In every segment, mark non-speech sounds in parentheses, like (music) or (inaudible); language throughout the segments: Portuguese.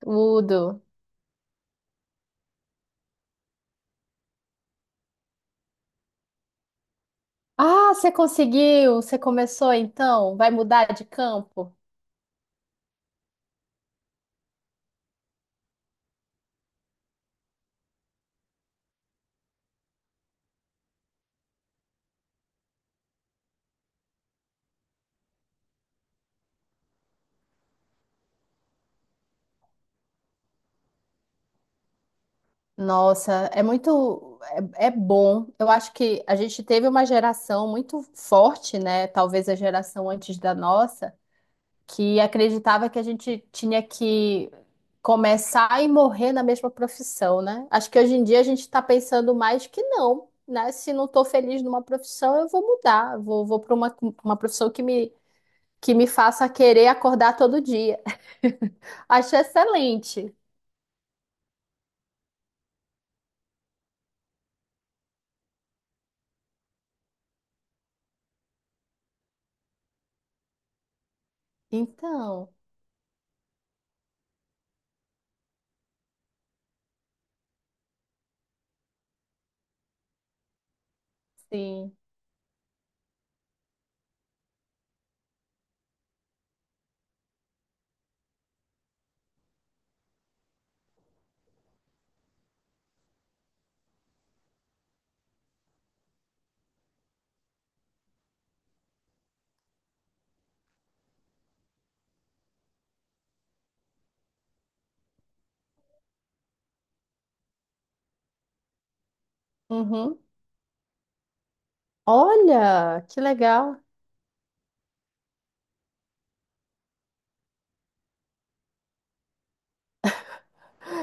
Tudo. Ah, você conseguiu, você começou então, vai mudar de campo? Nossa, é muito, é bom. Eu acho que a gente teve uma geração muito forte, né? Talvez a geração antes da nossa, que acreditava que a gente tinha que começar e morrer na mesma profissão, né? Acho que hoje em dia a gente está pensando mais que não, né? Se não estou feliz numa profissão, eu vou mudar, vou para uma profissão que me faça querer acordar todo dia. (laughs) Acho excelente. Então, sim. Uhum. Olha, que legal.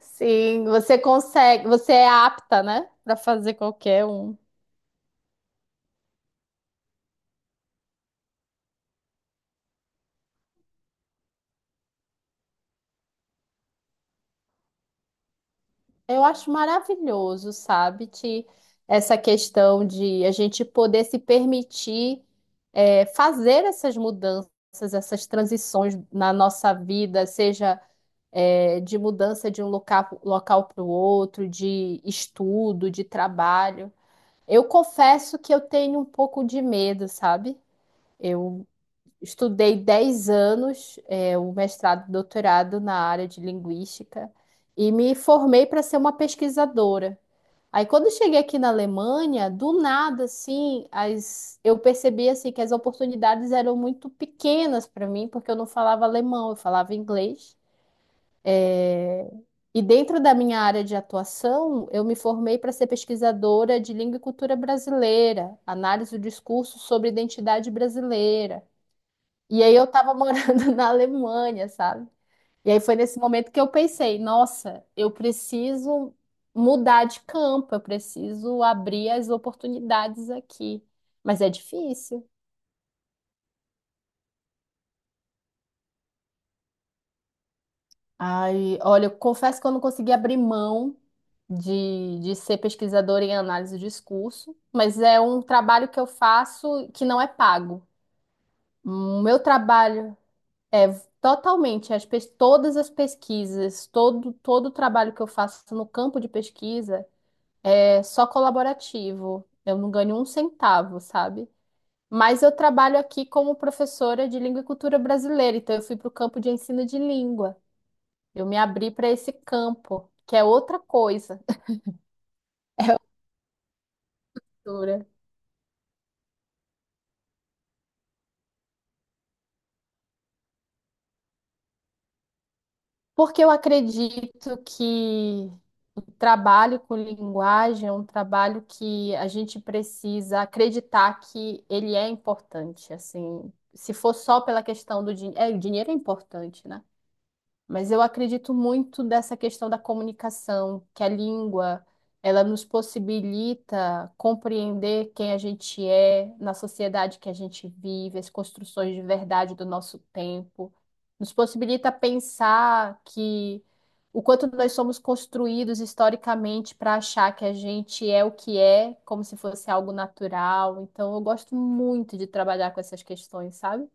Sim, você consegue, você é apta, né, para fazer qualquer um. Eu acho maravilhoso, sabe, essa questão de a gente poder se permitir fazer essas mudanças, essas transições na nossa vida, seja de mudança de um local, local para o outro, de estudo, de trabalho. Eu confesso que eu tenho um pouco de medo, sabe? Eu estudei 10 anos, o mestrado e doutorado na área de linguística e me formei para ser uma pesquisadora. Aí quando eu cheguei aqui na Alemanha, do nada assim, eu percebi assim que as oportunidades eram muito pequenas para mim, porque eu não falava alemão, eu falava inglês. E dentro da minha área de atuação, eu me formei para ser pesquisadora de língua e cultura brasileira, análise do discurso sobre identidade brasileira. E aí eu estava (laughs) morando na Alemanha, sabe? E aí foi nesse momento que eu pensei, nossa, eu preciso mudar de campo, eu preciso abrir as oportunidades aqui. Mas é difícil. Ai, olha, eu confesso que eu não consegui abrir mão de ser pesquisadora em análise de discurso, mas é um trabalho que eu faço que não é pago. O meu trabalho é totalmente todas as pesquisas, todo o trabalho que eu faço no campo de pesquisa é só colaborativo. Eu não ganho um centavo, sabe? Mas eu trabalho aqui como professora de língua e cultura brasileira, então eu fui para o campo de ensino de língua. Eu me abri para esse campo, que é outra coisa. (laughs) Porque eu acredito que o trabalho com linguagem é um trabalho que a gente precisa acreditar que ele é importante, assim. Se for só pela questão do dinheiro, o dinheiro é importante, né? Mas eu acredito muito dessa questão da comunicação, que a língua, ela nos possibilita compreender quem a gente é na sociedade que a gente vive, as construções de verdade do nosso tempo. Nos possibilita pensar que o quanto nós somos construídos historicamente para achar que a gente é o que é, como se fosse algo natural. Então, eu gosto muito de trabalhar com essas questões, sabe?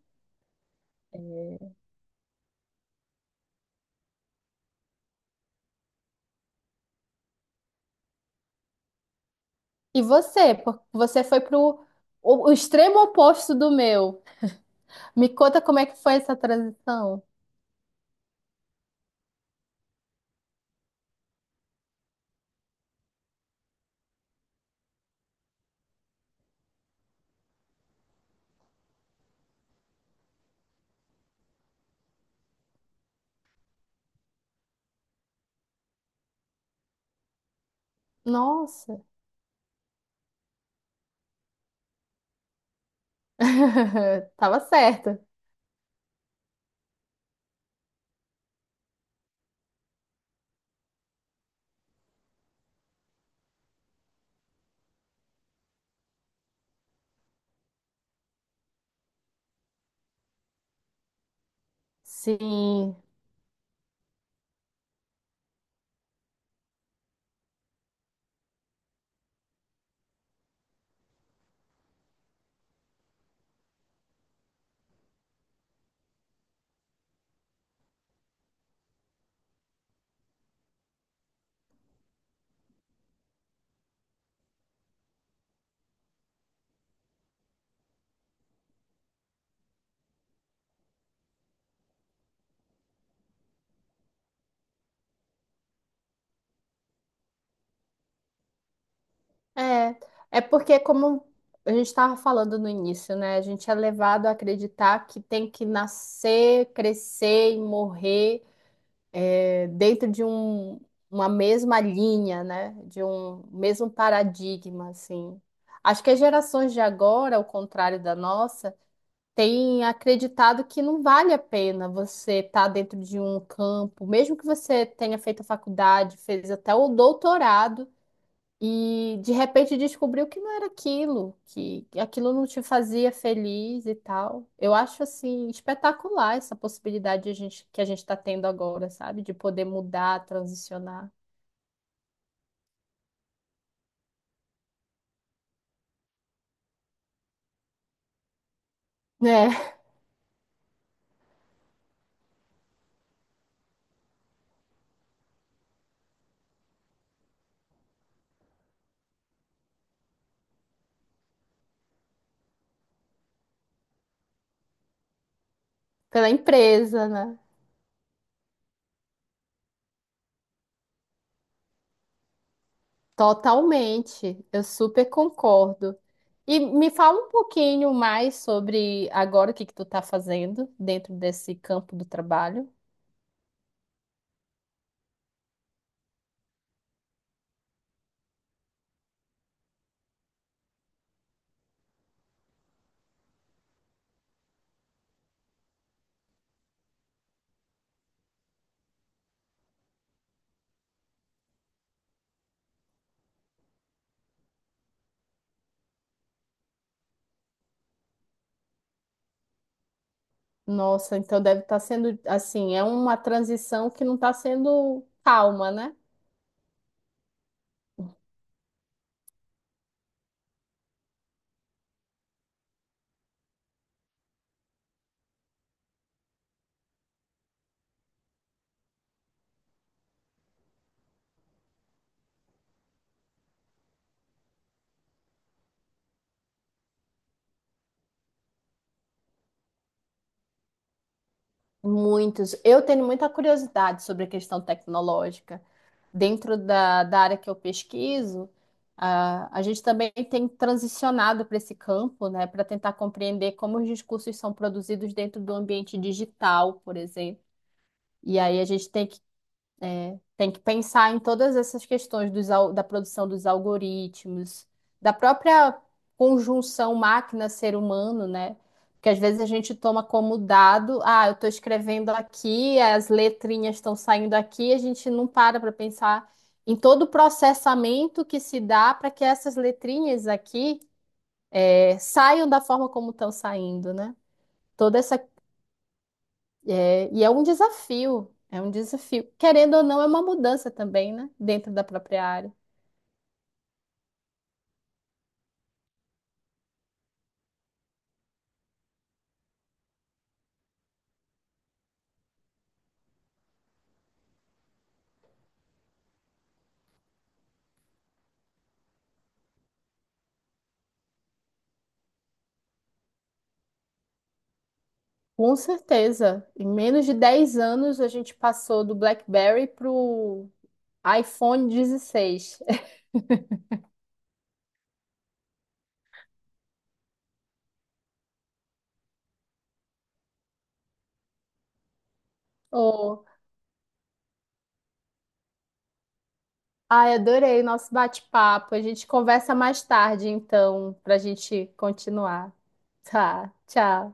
E você? Você foi pro o extremo oposto do meu. Me conta como é que foi essa transição. Nossa, (laughs) tava certa. Sim, é. É porque, como a gente estava falando no início, né? A gente é levado a acreditar que tem que nascer, crescer e morrer dentro uma mesma linha, né? De um mesmo paradigma, assim. Acho que as gerações de agora, ao contrário da nossa, tem acreditado que não vale a pena você estar dentro de um campo, mesmo que você tenha feito a faculdade, fez até o doutorado, e de repente descobriu que não era aquilo, que aquilo não te fazia feliz e tal. Eu acho assim espetacular essa possibilidade de a gente, que a gente está tendo agora, sabe? De poder mudar, transicionar, né? (laughs) Pela empresa, né? Totalmente, eu super concordo. E me fala um pouquinho mais sobre agora o que que tu tá fazendo dentro desse campo do trabalho. Nossa, então deve estar sendo assim, é uma transição que não está sendo calma, né? Muitos. Eu tenho muita curiosidade sobre a questão tecnológica. Dentro da área que eu pesquiso, a gente também tem transicionado para esse campo, né, para tentar compreender como os discursos são produzidos dentro do ambiente digital, por exemplo. E aí a gente tem que tem que pensar em todas essas questões da produção dos algoritmos, da própria conjunção máquina-ser humano, né? Porque às vezes a gente toma como dado, ah, eu estou escrevendo aqui, as letrinhas estão saindo aqui, a gente não para para pensar em todo o processamento que se dá para que essas letrinhas aqui, saiam da forma como estão saindo, né? Toda essa e é um desafio, é um desafio. Querendo ou não, é uma mudança também, né? Dentro da própria área. Com certeza. Em menos de 10 anos, a gente passou do BlackBerry pro iPhone 16. (laughs) Oh, ai, adorei o nosso bate-papo. A gente conversa mais tarde, então, para a gente continuar. Tá, tchau.